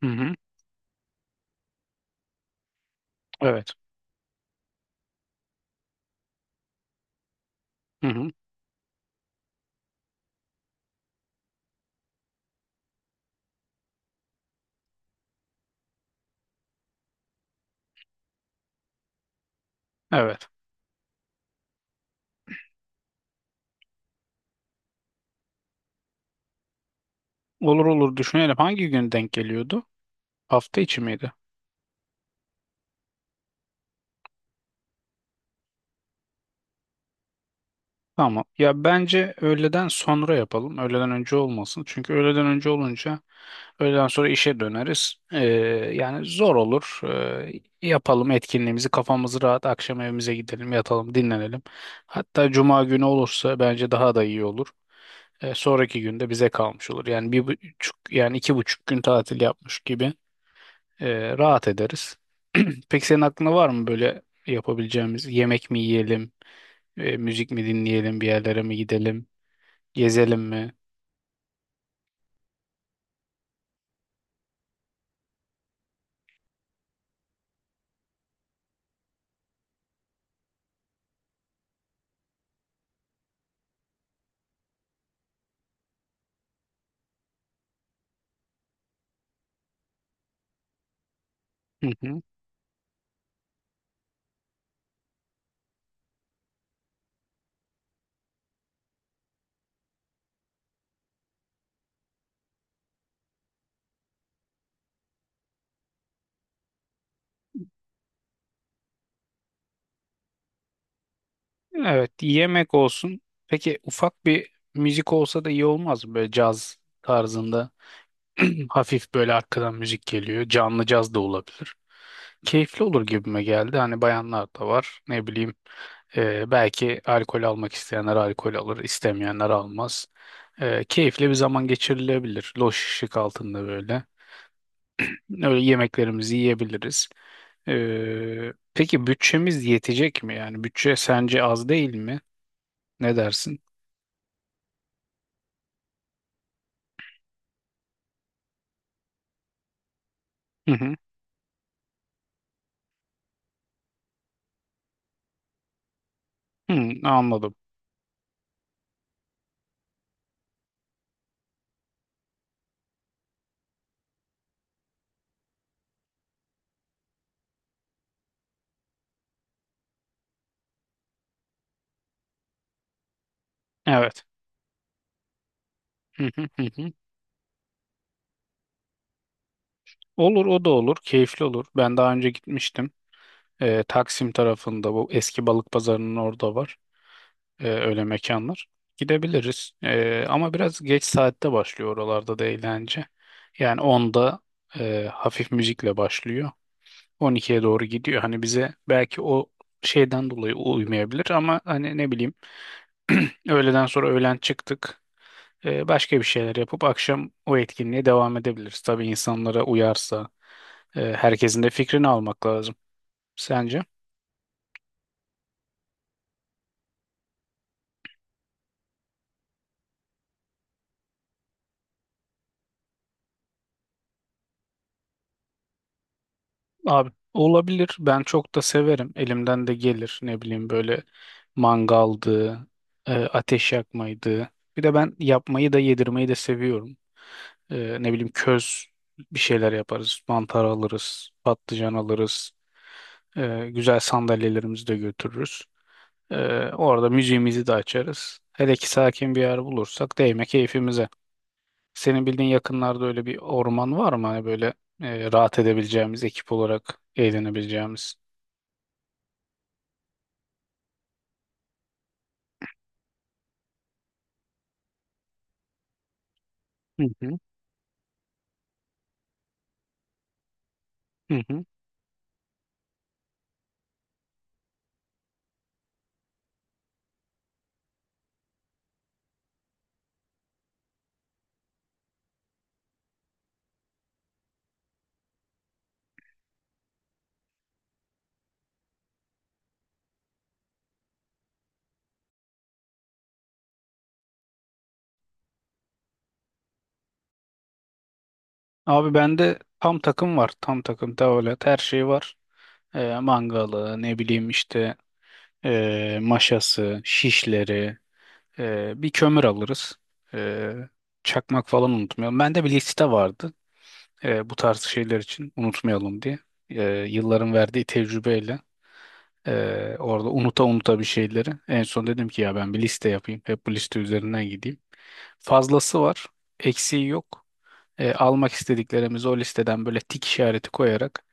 Hı hı. Evet. Hı hı. Evet. Olur olur düşünelim. Hangi gün denk geliyordu? Hafta içi miydi? Tamam. Ya bence öğleden sonra yapalım. Öğleden önce olmasın. Çünkü öğleden önce olunca öğleden sonra işe döneriz. Yani zor olur. Yapalım etkinliğimizi. Kafamız rahat. Akşam evimize gidelim, yatalım, dinlenelim. Hatta cuma günü olursa bence daha da iyi olur. Sonraki günde bize kalmış olur. Yani 1,5, yani 2,5 gün tatil yapmış gibi. Rahat ederiz. Peki senin aklında var mı böyle yapabileceğimiz yemek mi yiyelim, müzik mi dinleyelim, bir yerlere mi gidelim, gezelim mi? Hı hı. Evet, yemek olsun. Peki ufak bir müzik olsa da iyi olmaz mı böyle caz tarzında? Hafif böyle arkadan müzik geliyor. Canlı caz da olabilir. Keyifli olur gibime geldi. Hani bayanlar da var. Ne bileyim belki alkol almak isteyenler alkol alır, istemeyenler almaz. Keyifli bir zaman geçirilebilir. Loş ışık altında böyle. Öyle yemeklerimizi yiyebiliriz. Peki bütçemiz yetecek mi? Yani bütçe sence az değil mi? Ne dersin? Hı hı. Hı, anladım. Evet. Hı hı hı hı. Olur o da olur. Keyifli olur. Ben daha önce gitmiştim. Taksim tarafında bu eski balık pazarının orada var. Öyle mekanlar. Gidebiliriz. Ama biraz geç saatte başlıyor oralarda da eğlence. Yani onda hafif müzikle başlıyor. 12'ye doğru gidiyor. Hani bize belki o şeyden dolayı uymayabilir ama hani ne bileyim öğleden sonra öğlen çıktık. Başka bir şeyler yapıp akşam o etkinliğe devam edebiliriz. Tabii insanlara uyarsa herkesin de fikrini almak lazım. Sence? Abi olabilir. Ben çok da severim. Elimden de gelir. Ne bileyim böyle mangaldı, ateş yakmaydı. Bir de ben yapmayı da yedirmeyi de seviyorum. Ne bileyim köz bir şeyler yaparız. Mantar alırız, patlıcan alırız. Güzel sandalyelerimizi de götürürüz. E, orada müziğimizi de açarız. Hele ki sakin bir yer bulursak değme keyfimize. Senin bildiğin yakınlarda öyle bir orman var mı? Hani böyle rahat edebileceğimiz, ekip olarak eğlenebileceğimiz. Hı hı, hı hı. Abi bende tam takım var. Tam takım tavolet her şey var. Mangalı ne bileyim işte maşası, şişleri, bir kömür alırız. Ee, çakmak falan unutmayalım. Bende bir liste vardı bu tarz şeyler için unutmayalım diye. Ee, yılların verdiği tecrübeyle orada unuta unuta bir şeyleri. En son dedim ki ya ben bir liste yapayım. Hep bu liste üzerinden gideyim. Fazlası var, eksiği yok. Almak istediklerimizi o listeden böyle tik işareti koyarak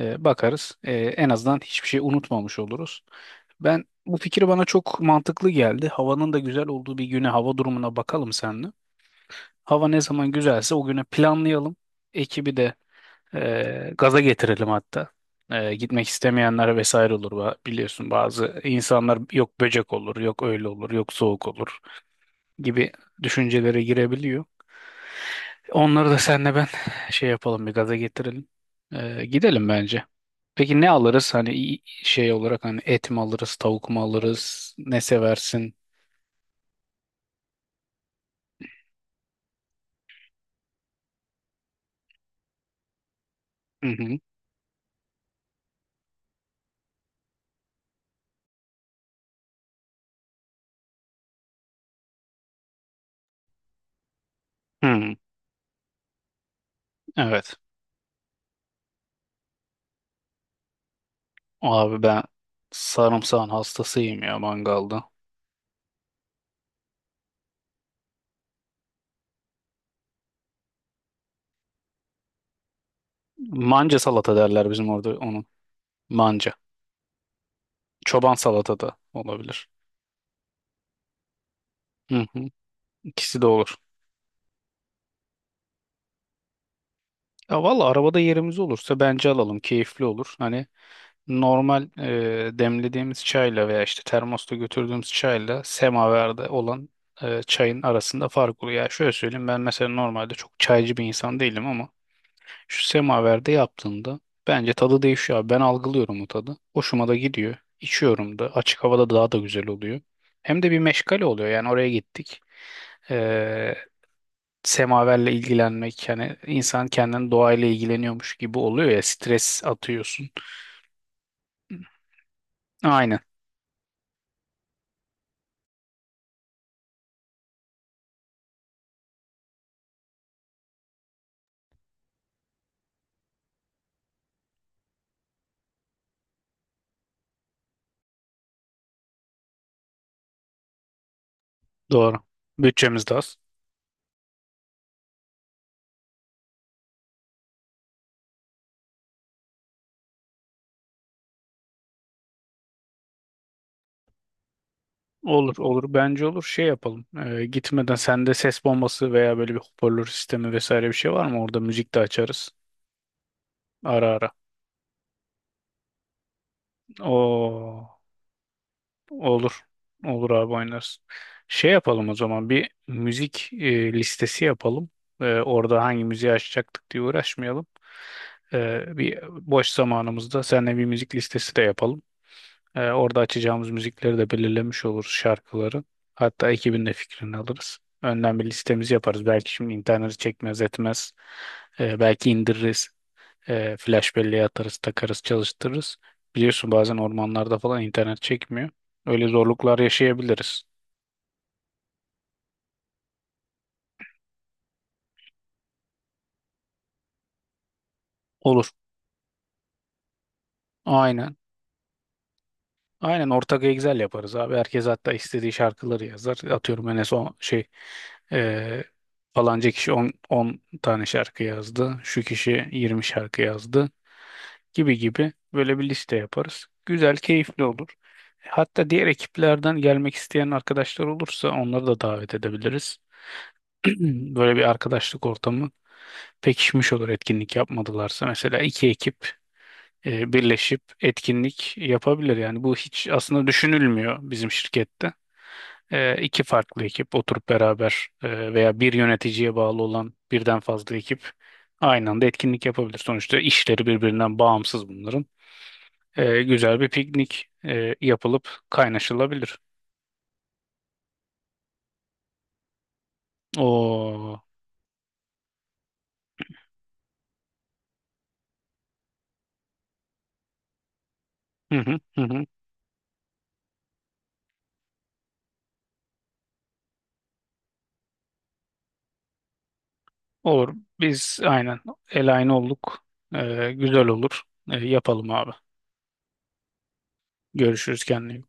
bakarız. En azından hiçbir şey unutmamış oluruz. Ben bu fikir bana çok mantıklı geldi. Havanın da güzel olduğu bir güne hava durumuna bakalım seninle. Hava ne zaman güzelse o güne planlayalım. Ekibi de gaza getirelim hatta. Gitmek istemeyenler vesaire olur. Biliyorsun bazı insanlar yok böcek olur, yok öyle olur, yok soğuk olur gibi düşüncelere girebiliyor. Onları da senle ben şey yapalım bir gaza getirelim. Gidelim bence. Peki ne alırız? Hani şey olarak hani et mi alırız, tavuk mu alırız? Ne seversin? Hı hı. Hı. Evet. Abi ben sarımsağın hastasıyım ya mangalda. Manca salata derler bizim orada onun. Manca. Çoban salata da olabilir. Hı hı. İkisi de olur. Ya valla arabada yerimiz olursa bence alalım. Keyifli olur. Hani normal demlediğimiz çayla veya işte termosta götürdüğümüz çayla semaverde olan çayın arasında fark oluyor. Yani şöyle söyleyeyim ben mesela normalde çok çaycı bir insan değilim ama şu semaverde yaptığında bence tadı değişiyor abi. Ben algılıyorum o tadı. Hoşuma da gidiyor. İçiyorum da. Açık havada daha da güzel oluyor. Hem de bir meşgale oluyor. Yani oraya gittik. E, semaverle ilgilenmek yani insan kendini doğayla ilgileniyormuş gibi oluyor ya stres atıyorsun. Aynen. Doğru. Bütçemiz de az. Olur olur bence olur şey yapalım. Gitmeden sende ses bombası veya böyle bir hoparlör sistemi vesaire bir şey var mı? Orada müzik de açarız. Ara ara. Oo, olur. Olur abi oynarız. Şey yapalım o zaman bir müzik listesi yapalım. Orada hangi müziği açacaktık diye uğraşmayalım. Bir boş zamanımızda seninle bir müzik listesi de yapalım. Orada açacağımız müzikleri de belirlemiş oluruz şarkıları. Hatta ekibin de fikrini alırız. Önden bir listemizi yaparız. Belki şimdi interneti çekmez etmez. Belki indiririz. Flash belleğe atarız, takarız, çalıştırırız. Biliyorsun bazen ormanlarda falan internet çekmiyor. Öyle zorluklar yaşayabiliriz. Olur. Aynen. Aynen ortak Excel yaparız abi. Herkes hatta istediği şarkıları yazar. Atıyorum en son şey eee falanca kişi 10 tane şarkı yazdı. Şu kişi 20 şarkı yazdı gibi gibi böyle bir liste yaparız. Güzel, keyifli olur. Hatta diğer ekiplerden gelmek isteyen arkadaşlar olursa onları da davet edebiliriz. Böyle bir arkadaşlık ortamı pekişmiş olur etkinlik yapmadılarsa. Mesela iki ekip birleşip etkinlik yapabilir. Yani bu hiç aslında düşünülmüyor bizim şirkette. E, iki farklı ekip oturup beraber veya bir yöneticiye bağlı olan birden fazla ekip aynı anda etkinlik yapabilir. Sonuçta işleri birbirinden bağımsız bunların. Güzel bir piknik yapılıp kaynaşılabilir. O hı hı hı hı. Olur. Biz aynen el aynı olduk. Güzel olur. Yapalım abi. Görüşürüz kendine. İyi bak.